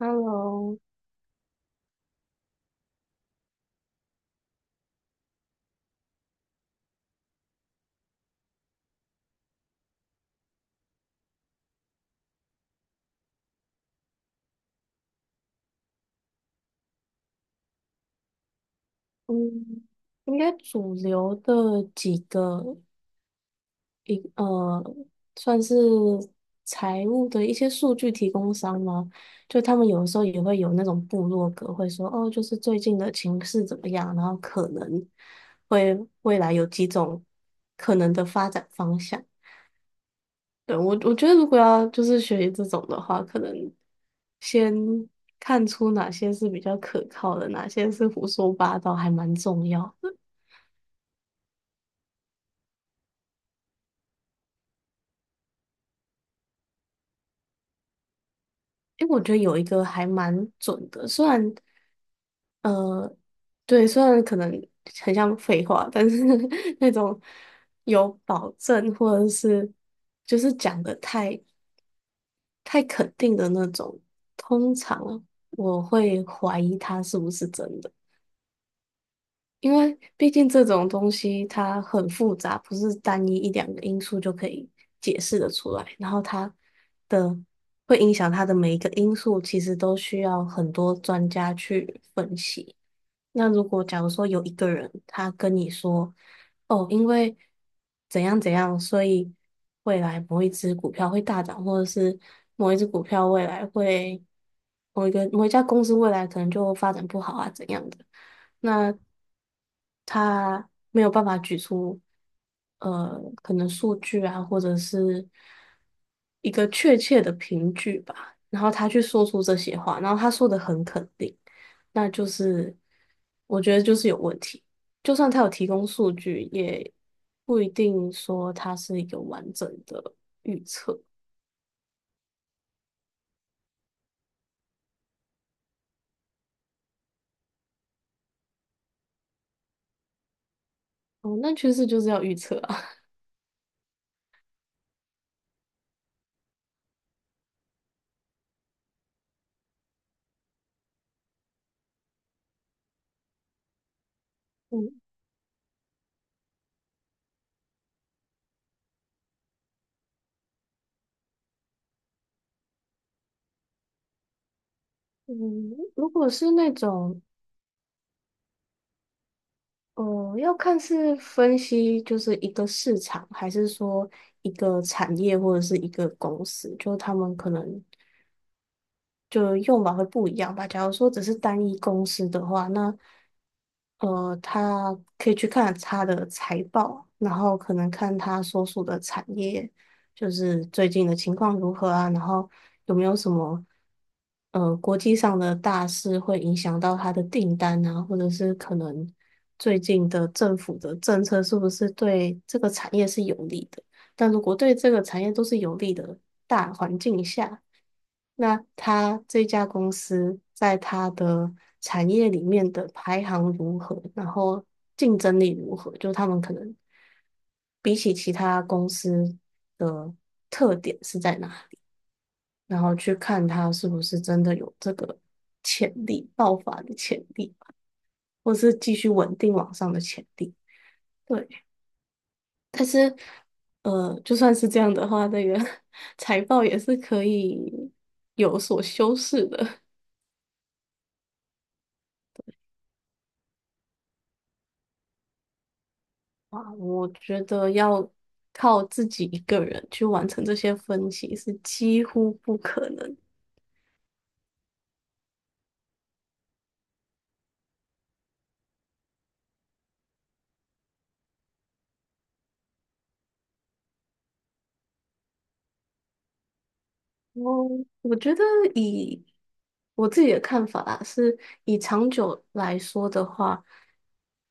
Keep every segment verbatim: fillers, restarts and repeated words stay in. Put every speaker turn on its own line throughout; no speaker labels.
Hello。嗯，应该主流的几个呃，算是财务的一些数据提供商吗？就他们有的时候也会有那种部落格，会说哦，就是最近的情势怎么样，然后可能会未来有几种可能的发展方向。对，我我觉得如果要就是学习这种的话，可能先看出哪些是比较可靠的，哪些是胡说八道，还蛮重要。因为我觉得有一个还蛮准的，虽然呃，对，虽然可能很像废话，但是 那种有保证或者是就是讲的太太肯定的那种，通常我会怀疑它是不是真的。因为毕竟这种东西它很复杂，不是单一一两个因素就可以解释得出来。然后它的会影响它的每一个因素，其实都需要很多专家去分析。那如果假如说有一个人他跟你说，哦，因为怎样怎样，所以未来某一只股票会大涨，或者是某一只股票未来会某一个某一家公司未来可能就发展不好啊，怎样的。那他没有办法举出呃可能数据啊，或者是一个确切的凭据吧，然后他去说出这些话，然后他说的很肯定，那就是我觉得就是有问题。就算他有提供数据，也不一定说他是一个完整的预测。哦，那趋势就是要预测啊。嗯嗯，如果是那种哦，要看是分析就是一个市场，还是说一个产业或者是一个公司，就他们可能就用法会不一样吧。假如说只是单一公司的话，那呃，他可以去看他的财报，然后可能看他所属的产业，就是最近的情况如何啊，然后有没有什么呃国际上的大事会影响到他的订单啊，或者是可能最近的政府的政策是不是对这个产业是有利的？但如果对这个产业都是有利的，那他这家公司在他的产业里面的排行如何，然后竞争力如何？就他们可能比起其他公司的特点是在哪，然后去看它是不是真的有这个潜力、爆发的潜力，或是继续稳定往上的潜力。对，但是呃，就算是这样的话，那个 财报也是可以有所修饰的。啊，我觉得要靠自己一个人去完成这些分析是几乎不可能。哦，我觉得以我自己的看法啊，是以长久来说的话，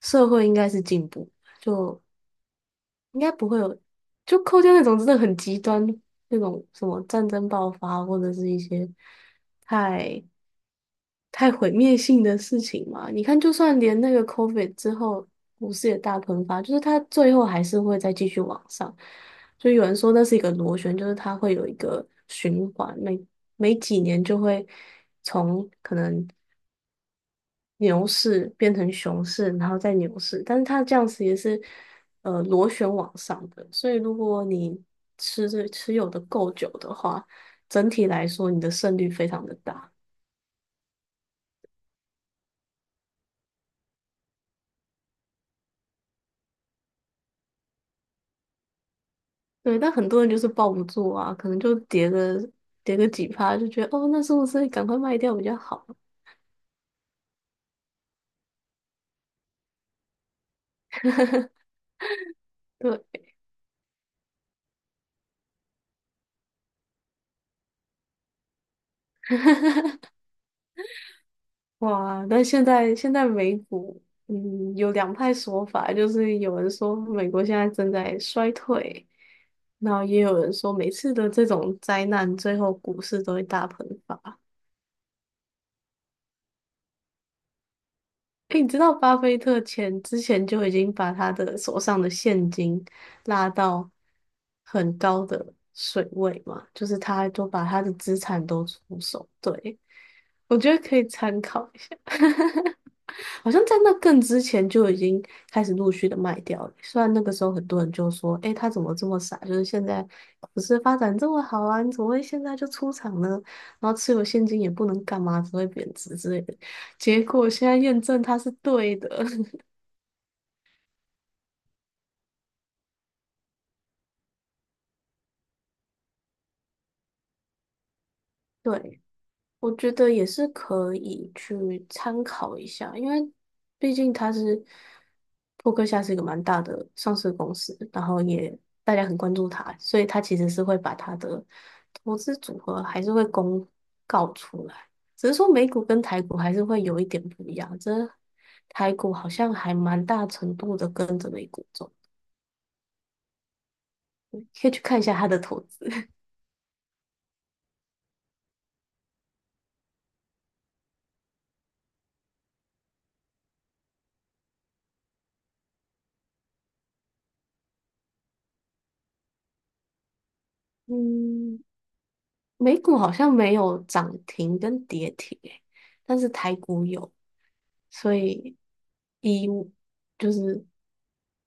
社会应该是进步，就应该不会有，就扣掉那种真的很极端那种什么战争爆发或者是一些太太毁灭性的事情嘛。你看，就算连那个 COVID 之后，股市也大喷发，就是它最后还是会再继续往上。就有人说那是一个螺旋，就是它会有一个循环，每每几年就会从可能牛市变成熊市，然后再牛市，但是它这样子也是呃螺旋往上的。所以如果你持着持有的够久的话，整体来说你的胜率非常的大。对，但很多人就是抱不住啊，可能就跌个跌个几趴，就觉得哦，那是不是赶快卖掉比较好？对，哇，但现在现在美股，嗯，有两派说法，就是有人说美国现在正在衰退，然后也有人说每次的这种灾难，最后股市都会大喷发。诶，你知道巴菲特前之前就已经把他的手上的现金拉到很高的水位嘛，就是他都把他的资产都出手，对，我觉得可以参考一下。好像在那更之前就已经开始陆续的卖掉了。虽然那个时候很多人就说："诶，他怎么这么傻？就是现在股是发展这么好啊，你怎么会现在就出场呢？然后持有现金也不能干嘛，只会贬值之类的。"结果现在验证它是对的，对。我觉得也是可以去参考一下，因为毕竟它是扑克夏是一个蛮大的上市公司，然后也大家很关注它，所以它其实是会把它的投资组合还是会公告出来，只是说美股跟台股还是会有一点不一样，这台股好像还蛮大程度的跟着美股走，可以去看一下它的投资。嗯，美股好像没有涨停跟跌停、诶，但是台股有。所以以就是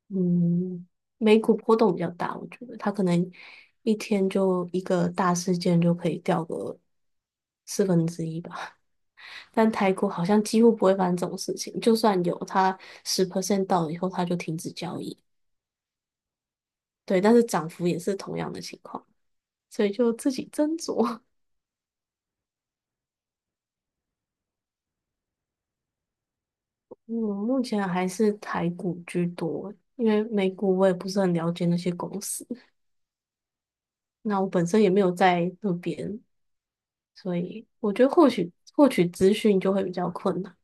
嗯，美股波动比较大，我觉得它可能一天就一个大事件就可以掉个四分之一吧。但台股好像几乎不会发生这种事情，就算有，它十 percent 到了以后，它就停止交易。对，但是涨幅也是同样的情况，所以就自己斟酌。嗯，目前还是台股居多，因为美股我也不是很了解那些公司。那我本身也没有在那边，所以我觉得获取获取资讯就会比较困难。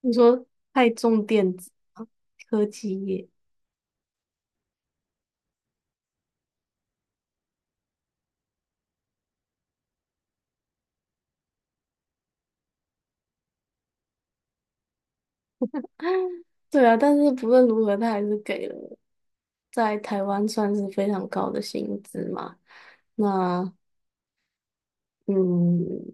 你说太重电子吗科技业，对啊，但是不论如何，他还是给了在台湾算是非常高的薪资嘛。那嗯，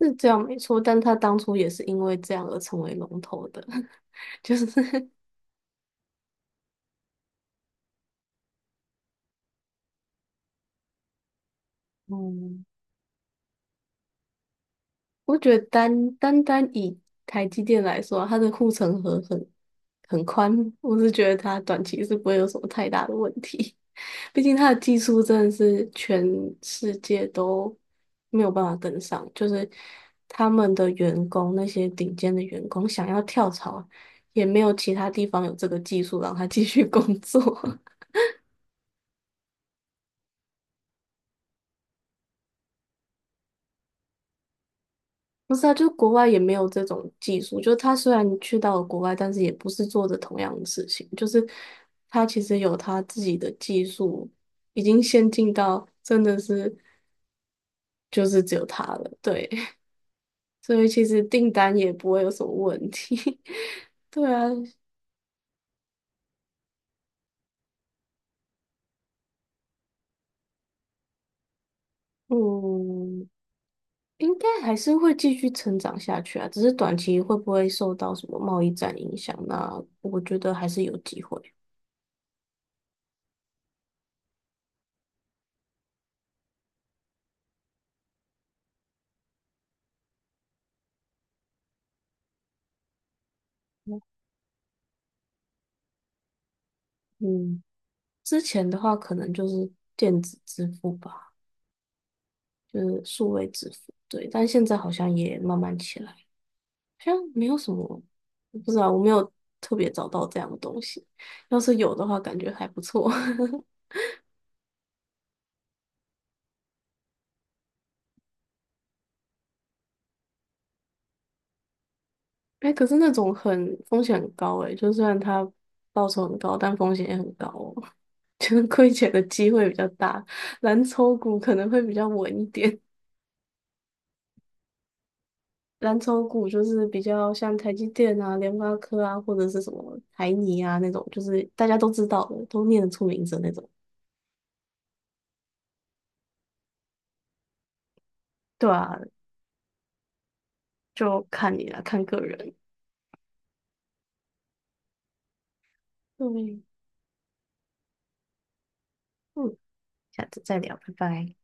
是这样没错，但他当初也是因为这样而成为龙头的，就是嗯，我觉得单单单以台积电来说啊它的护城河很很宽，我是觉得它短期是不会有什么太大的问题。毕竟它的技术真的是全世界都没有办法跟上，就是他们的员工那些顶尖的员工想要跳槽，也没有其他地方有这个技术让他继续工作。不是啊，就国外也没有这种技术。就他虽然去到了国外，但是也不是做着同样的事情。就是他其实有他自己的技术，已经先进到真的是就是只有他了。对，所以其实订单也不会有什么问题。对啊，嗯，应该还是会继续成长下去啊。只是短期会不会受到什么贸易战影响，那我觉得还是有机会。嗯。之前的话可能就是电子支付吧，就是数位支付，对，但现在好像也慢慢起来，好像没有什么，我不知道，我没有特别找到这样的东西，要是有的话，感觉还不错。哎可是那种很风险很高哎，就算然它报酬很高，但风险也很高哦，就是亏钱的机会比较大，蓝筹股可能会比较稳一点。蓝筹股就是比较像台积电啊、联发科啊，或者是什么台泥啊那种，就是大家都知道的，都念得出名字那种。对啊，就看你了，看个人。对，嗯，下次再聊，拜拜。